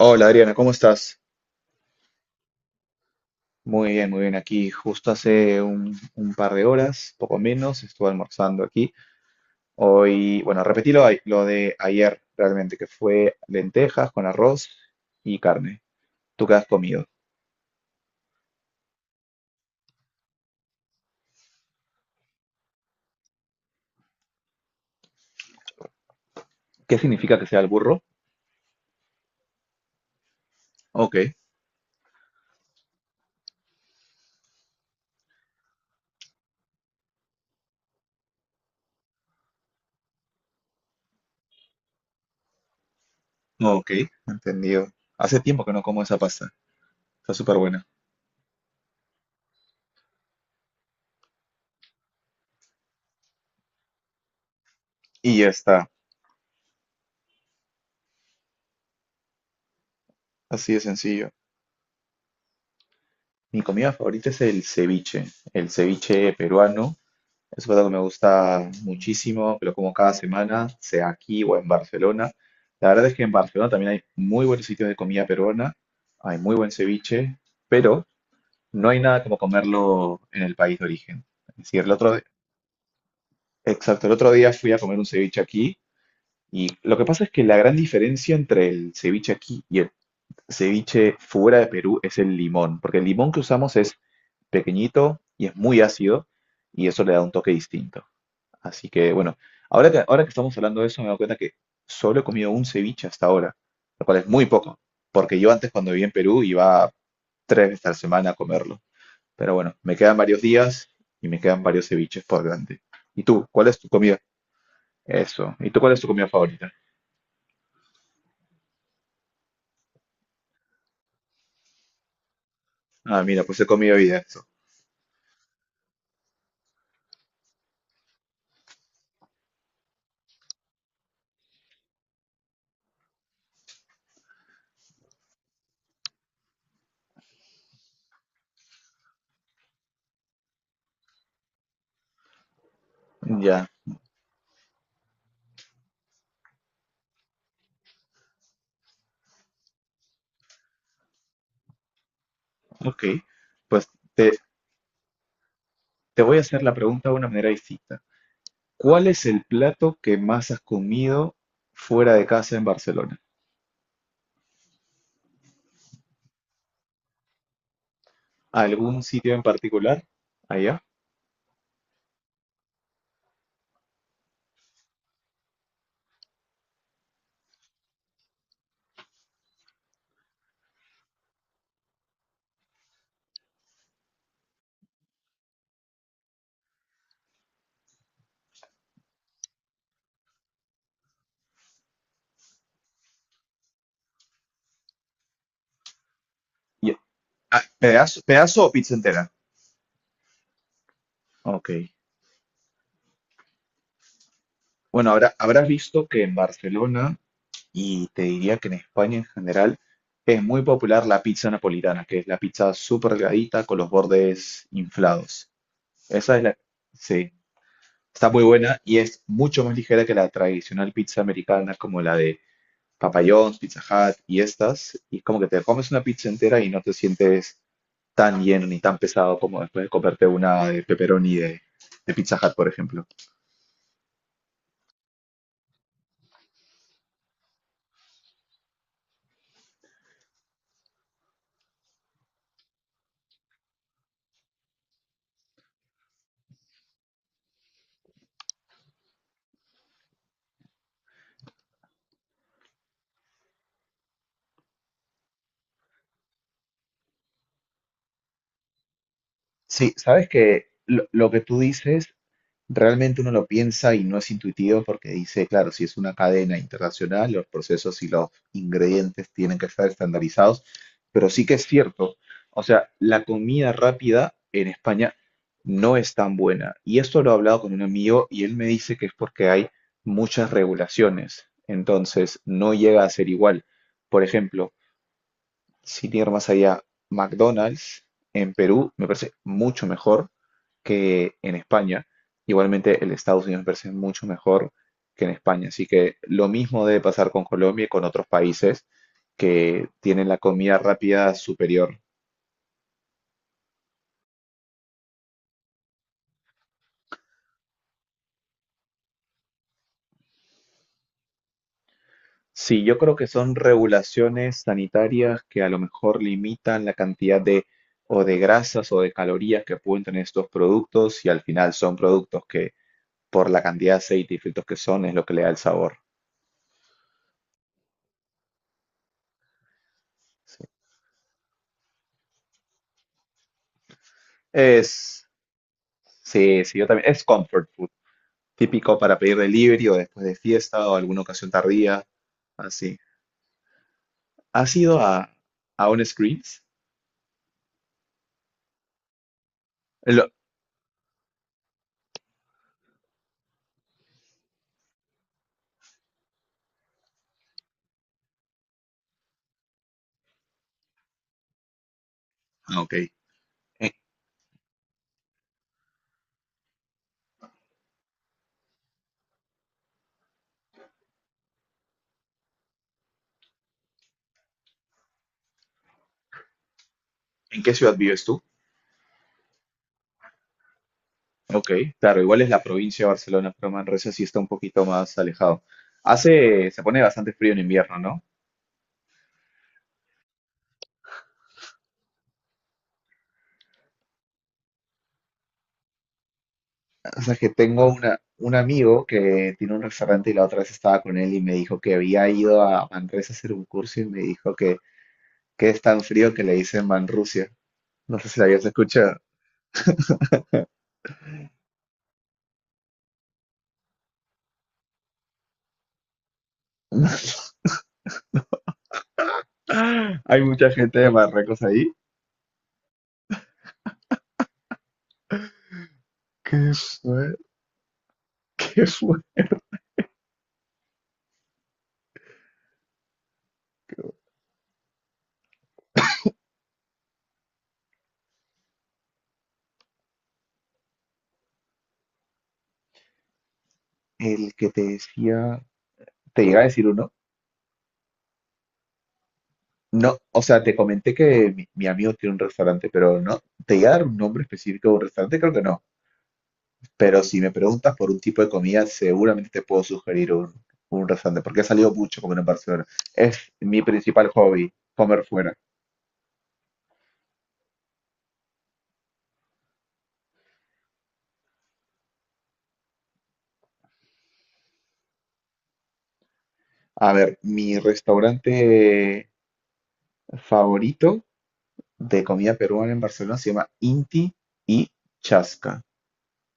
Hola Adriana, ¿cómo estás? Muy bien, muy bien. Aquí justo hace un par de horas, poco menos, estuve almorzando aquí. Hoy, bueno, repetí lo de ayer realmente, que fue lentejas con arroz y carne. ¿Tú qué has comido? ¿Qué significa que sea el burro? Ok, ok, entendido. Hace tiempo que no como esa pasta. Está súper buena. Y ya está, así de sencillo. Mi comida favorita es el ceviche peruano. Es un plato que me gusta muchísimo, que lo como cada semana, sea aquí o en Barcelona. La verdad es que en Barcelona también hay muy buenos sitios de comida peruana, hay muy buen ceviche, pero no hay nada como comerlo en el país de origen. Es decir, el otro, exacto, el otro día fui a comer un ceviche aquí y lo que pasa es que la gran diferencia entre el ceviche aquí y el ceviche fuera de Perú es el limón, porque el limón que usamos es pequeñito y es muy ácido y eso le da un toque distinto. Así que bueno, ahora que estamos hablando de eso, me doy cuenta que solo he comido un ceviche hasta ahora, lo cual es muy poco, porque yo antes cuando vivía en Perú iba tres veces a la semana a comerlo. Pero bueno, me quedan varios días y me quedan varios ceviches por delante. ¿Y tú? ¿Cuál es tu comida? Eso. ¿Y tú cuál es tu comida favorita? Ah, mira, pues he comido hoy día eso. Ya, ok. Pues te, te voy a hacer la pregunta de una manera distinta. ¿Cuál es el plato que más has comido fuera de casa en Barcelona? ¿Algún sitio en particular? Allá. Y- ah, ¿pedazo, pedazo o pizza entera? Ok. Bueno, habrás visto que en Barcelona, y te diría que en España en general, es muy popular la pizza napolitana, que es la pizza súper delgadita con los bordes inflados. Esa es la... Sí, está muy buena y es mucho más ligera que la tradicional pizza americana como la de Papa John's, Pizza Hut y estas, y como que te comes una pizza entera y no te sientes tan lleno ni tan pesado como después de comerte una de pepperoni de Pizza Hut, por ejemplo. Sí, sabes que lo que tú dices realmente uno lo piensa y no es intuitivo porque dice, claro, si es una cadena internacional, los procesos y los ingredientes tienen que estar estandarizados, pero sí que es cierto. O sea, la comida rápida en España no es tan buena. Y esto lo he hablado con un amigo y él me dice que es porque hay muchas regulaciones. Entonces, no llega a ser igual. Por ejemplo, sin ir más allá, McDonald's en Perú me parece mucho mejor que en España. Igualmente, el Estados Unidos me parece mucho mejor que en España. Así que lo mismo debe pasar con Colombia y con otros países que tienen la comida rápida superior. Sí, yo creo que son regulaciones sanitarias que a lo mejor limitan la cantidad de o de grasas o de calorías que pueden tener estos productos y al final son productos que por la cantidad de aceite y filtros que son es lo que le da el sabor. Sí. Es, sí, sí, yo también. Es comfort food, típico para pedir delivery o después de fiesta o alguna ocasión tardía, así. ¿Has ido a, ¿A un Screens? Lo- ah, ok. ¿En, ¿En qué ciudad vives tú? Ok, claro, igual es la provincia de Barcelona, pero Manresa sí está un poquito más alejado. Hace, se pone bastante frío en invierno, ¿no? O sea que tengo un amigo que tiene un restaurante y la otra vez estaba con él y me dijo que había ido a Manresa a hacer un curso y me dijo que es tan frío que le dicen Manrusia. No sé si la habías escuchado. ¡Ah! Hay mucha gente de Marruecos ahí. ¿Qué fue? ¿Qué fue? El que te decía, te llega a decir uno. No, o sea, te comenté que mi amigo tiene un restaurante, pero no, te iba a dar un nombre específico de un restaurante, creo que no. Pero si me preguntas por un tipo de comida, seguramente te puedo sugerir un restaurante, porque he salido mucho a comer en Barcelona. Es mi principal hobby, comer fuera. A ver, mi restaurante favorito de comida peruana en Barcelona se llama Inti y Chasca.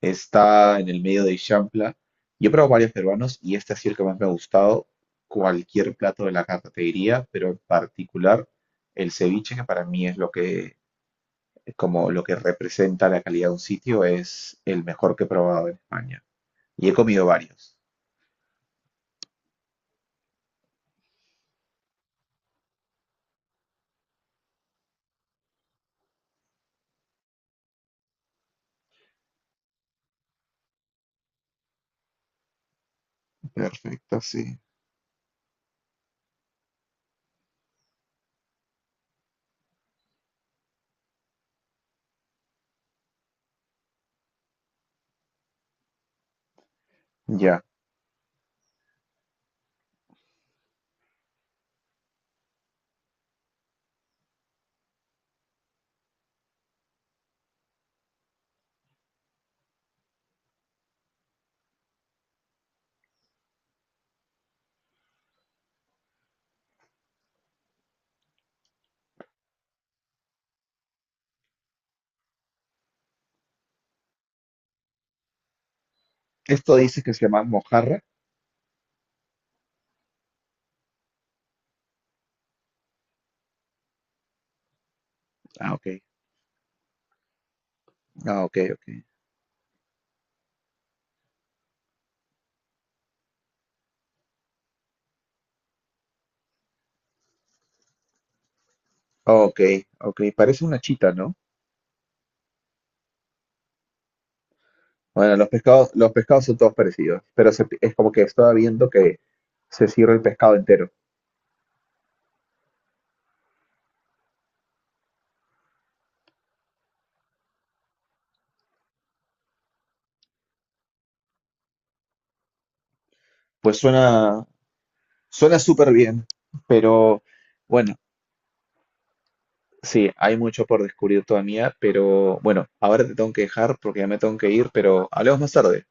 Está en el medio de Ixampla. Yo he probado varios peruanos y este ha sido el que más me ha gustado. Cualquier plato de la carta te diría, pero en particular el ceviche, que para mí es como lo que representa la calidad de un sitio, es el mejor que he probado en España. Y he comido varios. Perfecto, sí. Ya. Esto dice que se llama mojarra. Ah, ok. Ah, ok, ok. Ok, ok. Parece una chita, ¿no? Bueno, los pescados son todos parecidos, pero es como que estaba viendo que se sirve el pescado entero. Pues suena, suena súper bien, pero bueno, sí, hay mucho por descubrir todavía, pero bueno, ahora te tengo que dejar porque ya me tengo que ir, pero hablemos más tarde.